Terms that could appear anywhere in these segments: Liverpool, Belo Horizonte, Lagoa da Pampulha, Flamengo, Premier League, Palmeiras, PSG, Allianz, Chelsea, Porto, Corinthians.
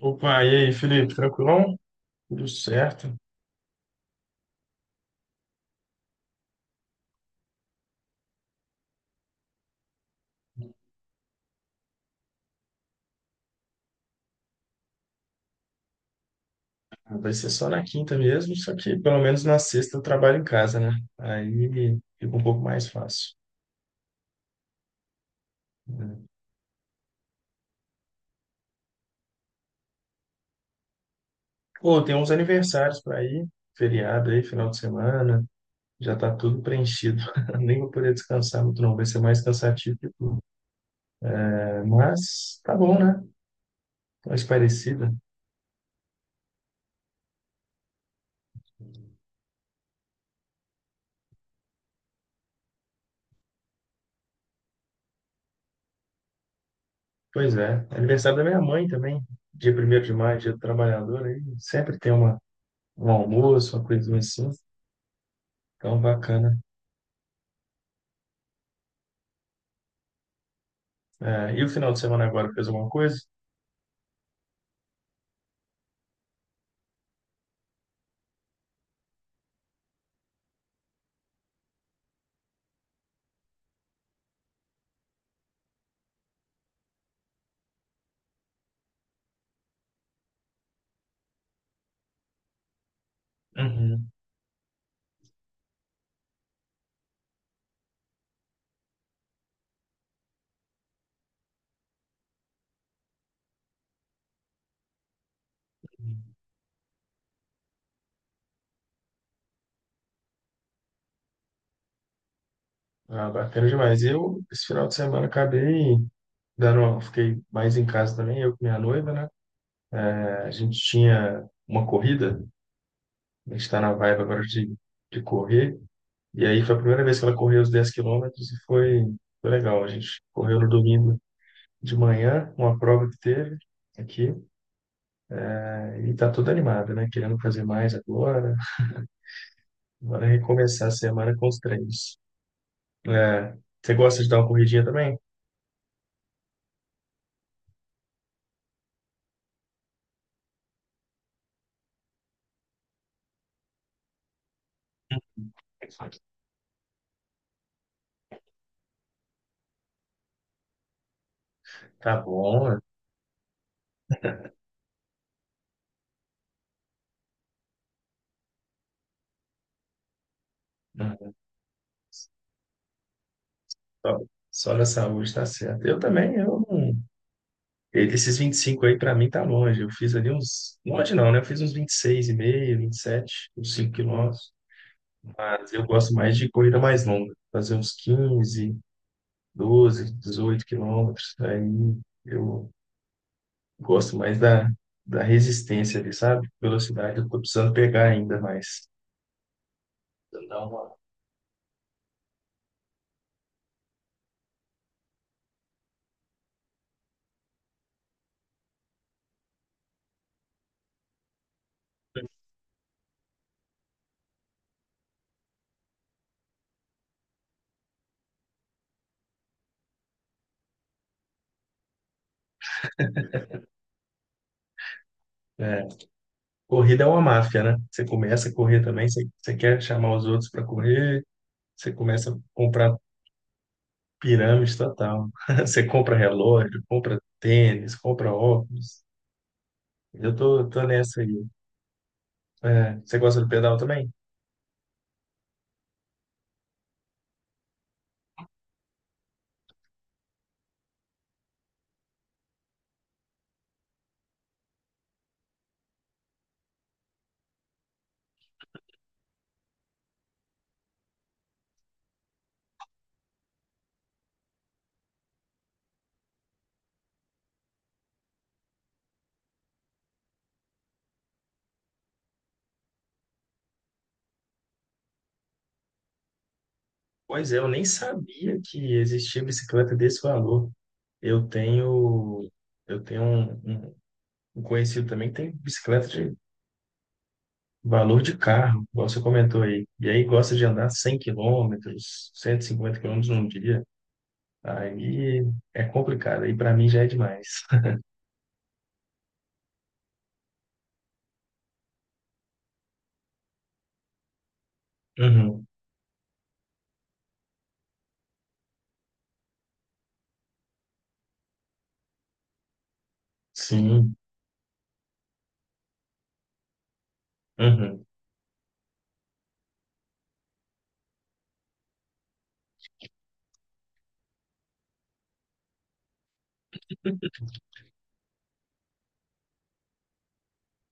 Opa, e aí, Felipe, tranquilão? Tudo certo. Ah, vai ser só na quinta mesmo, só que pelo menos na sexta eu trabalho em casa, né? Aí fica um pouco mais fácil. Né? Pô, tem uns aniversários para ir, feriado aí, final de semana, já tá tudo preenchido. Nem vou poder descansar muito, não. Vai ser mais cansativo que tudo. É, mas tá bom, né? Mais parecida. Pois é. Aniversário da minha mãe também, dia primeiro de maio, dia do trabalhador, aí sempre tem uma, um almoço, uma coisa assim. Então, bacana. É, e o final de semana agora fez alguma coisa? Uhum. Ah, bacana demais. Eu, esse final de semana, acabei dando, fiquei mais em casa também, eu com minha noiva, né? É, a gente tinha uma corrida, a gente está na vibe agora de correr, e aí foi a primeira vez que ela correu os 10 quilômetros e foi, legal. A gente correu no domingo de manhã, uma prova que teve aqui, e tá toda animada, né? Querendo fazer mais agora. Agora é recomeçar a semana com os treinos. É, você gosta de dar uma corridinha também? Tá bom, né? só, só na saúde tá certo. Eu também, eu não. E desses 25 aí, pra mim, tá longe. Eu fiz ali uns. Longe não, né? Eu fiz uns vinte vinte e seis e meio 27 uns 5 quilômetros. Mas eu gosto mais de corrida mais longa. Fazer uns 15 12 18 quilômetros. Aí eu gosto mais da resistência ali, sabe? Velocidade eu tô precisando pegar ainda mais. Então, dá uma. é, Corrida é uma máfia, né? Você começa a correr também, você quer chamar os outros para correr, você começa a comprar pirâmide total. Você compra relógio, compra tênis, compra óculos. Eu tô nessa aí. É, você gosta do pedal também? Pois é, eu nem sabia que existia bicicleta desse valor. Eu tenho, eu tenho um conhecido também que tem bicicleta de valor de carro, igual você comentou aí. E aí gosta de andar 100 quilômetros, 150 quilômetros num dia. Aí é complicado, aí para mim já é demais. Uhum. Sim, uhum.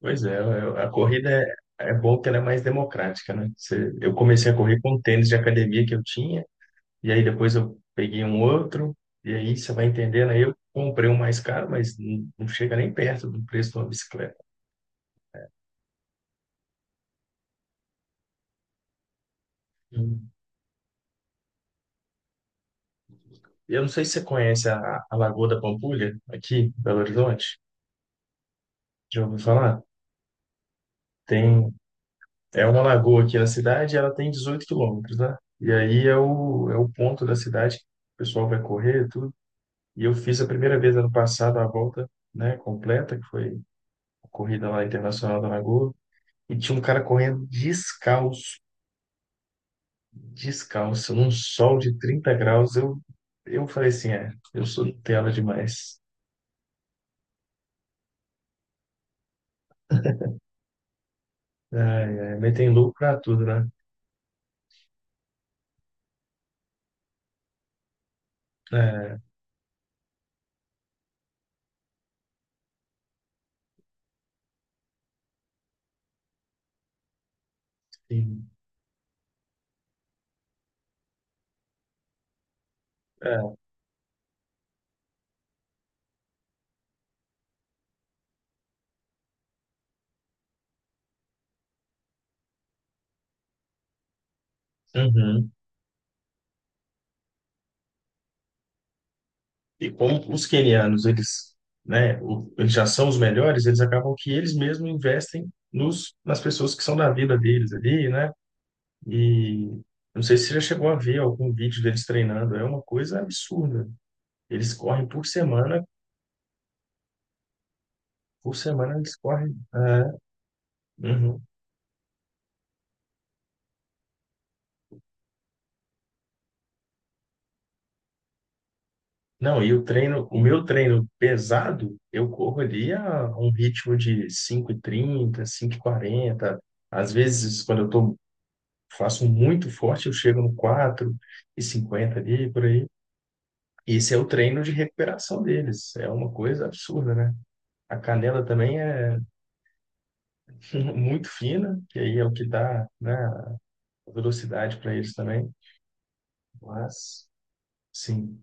Pois é, a corrida é bom que ela é mais democrática, né? Eu comecei a correr com um tênis de academia que eu tinha, e aí depois eu peguei um outro, e aí você vai entendendo, aí eu comprei um mais caro, mas não, não chega nem perto do preço de uma bicicleta. Hum. Eu não sei se você conhece a Lagoa da Pampulha, aqui em Belo Horizonte, já ouviu falar? Tem É uma lagoa aqui na cidade, ela tem 18 quilômetros, né? E aí é o ponto da cidade que o pessoal vai correr e tudo. E eu fiz a primeira vez ano passado a volta, né, completa, que foi a corrida lá internacional da Lagoa. E tinha um cara correndo descalço, descalço, num sol de 30 graus. Eu falei assim, eu sou Nutella demais. É, é, mas tem louco pra tudo, né? É, sim. É, uhum. E como os quenianos, eles, né, eles já são os melhores, eles acabam que eles mesmos investem nos, nas pessoas que são da vida deles ali, né? E não sei se você já chegou a ver algum vídeo deles treinando, é uma coisa absurda. Eles correm por semana eles correm. É, uhum. Não, e o treino, o meu treino pesado, eu corro ali a um ritmo de cinco e trinta cinco e quarenta às vezes quando eu estou faço muito forte, eu chego no quatro e cinquenta ali, por aí. E esse é o treino de recuperação deles. É uma coisa absurda, né? A canela também é muito fina, que aí é o que dá, né, a velocidade para eles também. Mas, sim.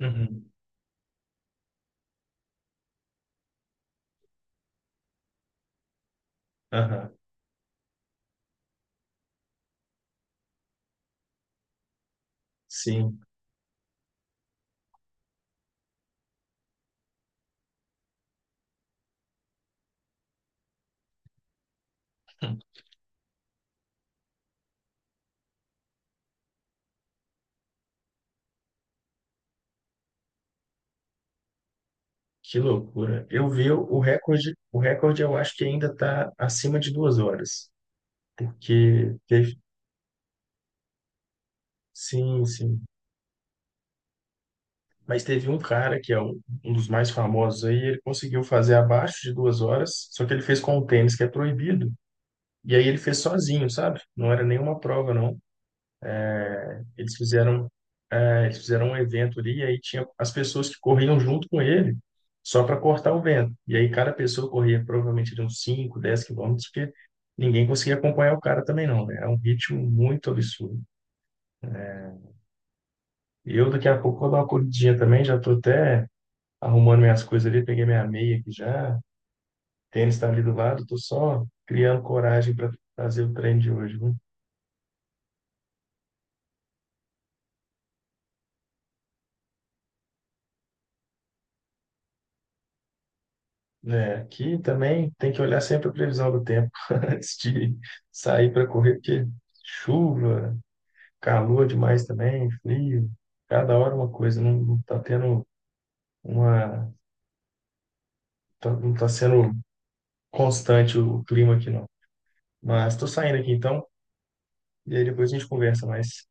Uhum. Aham. Sim. Que loucura. Eu vi o recorde, o recorde eu acho que ainda está acima de 2 horas, porque teve, sim, sim, mas teve um cara que é um dos mais famosos aí, ele conseguiu fazer abaixo de 2 horas, só que ele fez com o tênis, que é proibido. E aí ele fez sozinho, sabe? Não era nenhuma prova, não. Eles fizeram, eles fizeram um evento ali, e aí tinha as pessoas que corriam junto com ele, só para cortar o vento. E aí cada pessoa corria provavelmente de uns 5 10 quilômetros, porque ninguém conseguia acompanhar o cara também, não, né? É um ritmo muito absurdo. Eu daqui a pouco vou dar uma corridinha também, já tô até arrumando minhas coisas ali, peguei minha meia aqui já. Tênis está ali do lado, tô só criando coragem para fazer o treino de hoje, viu? É, aqui também tem que olhar sempre a previsão do tempo antes de sair para correr, porque chuva, calor demais também, frio, cada hora uma coisa, não está tendo uma, não está sendo constante o clima aqui não. Mas estou saindo aqui então, e aí depois a gente conversa mais.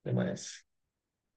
Até mais.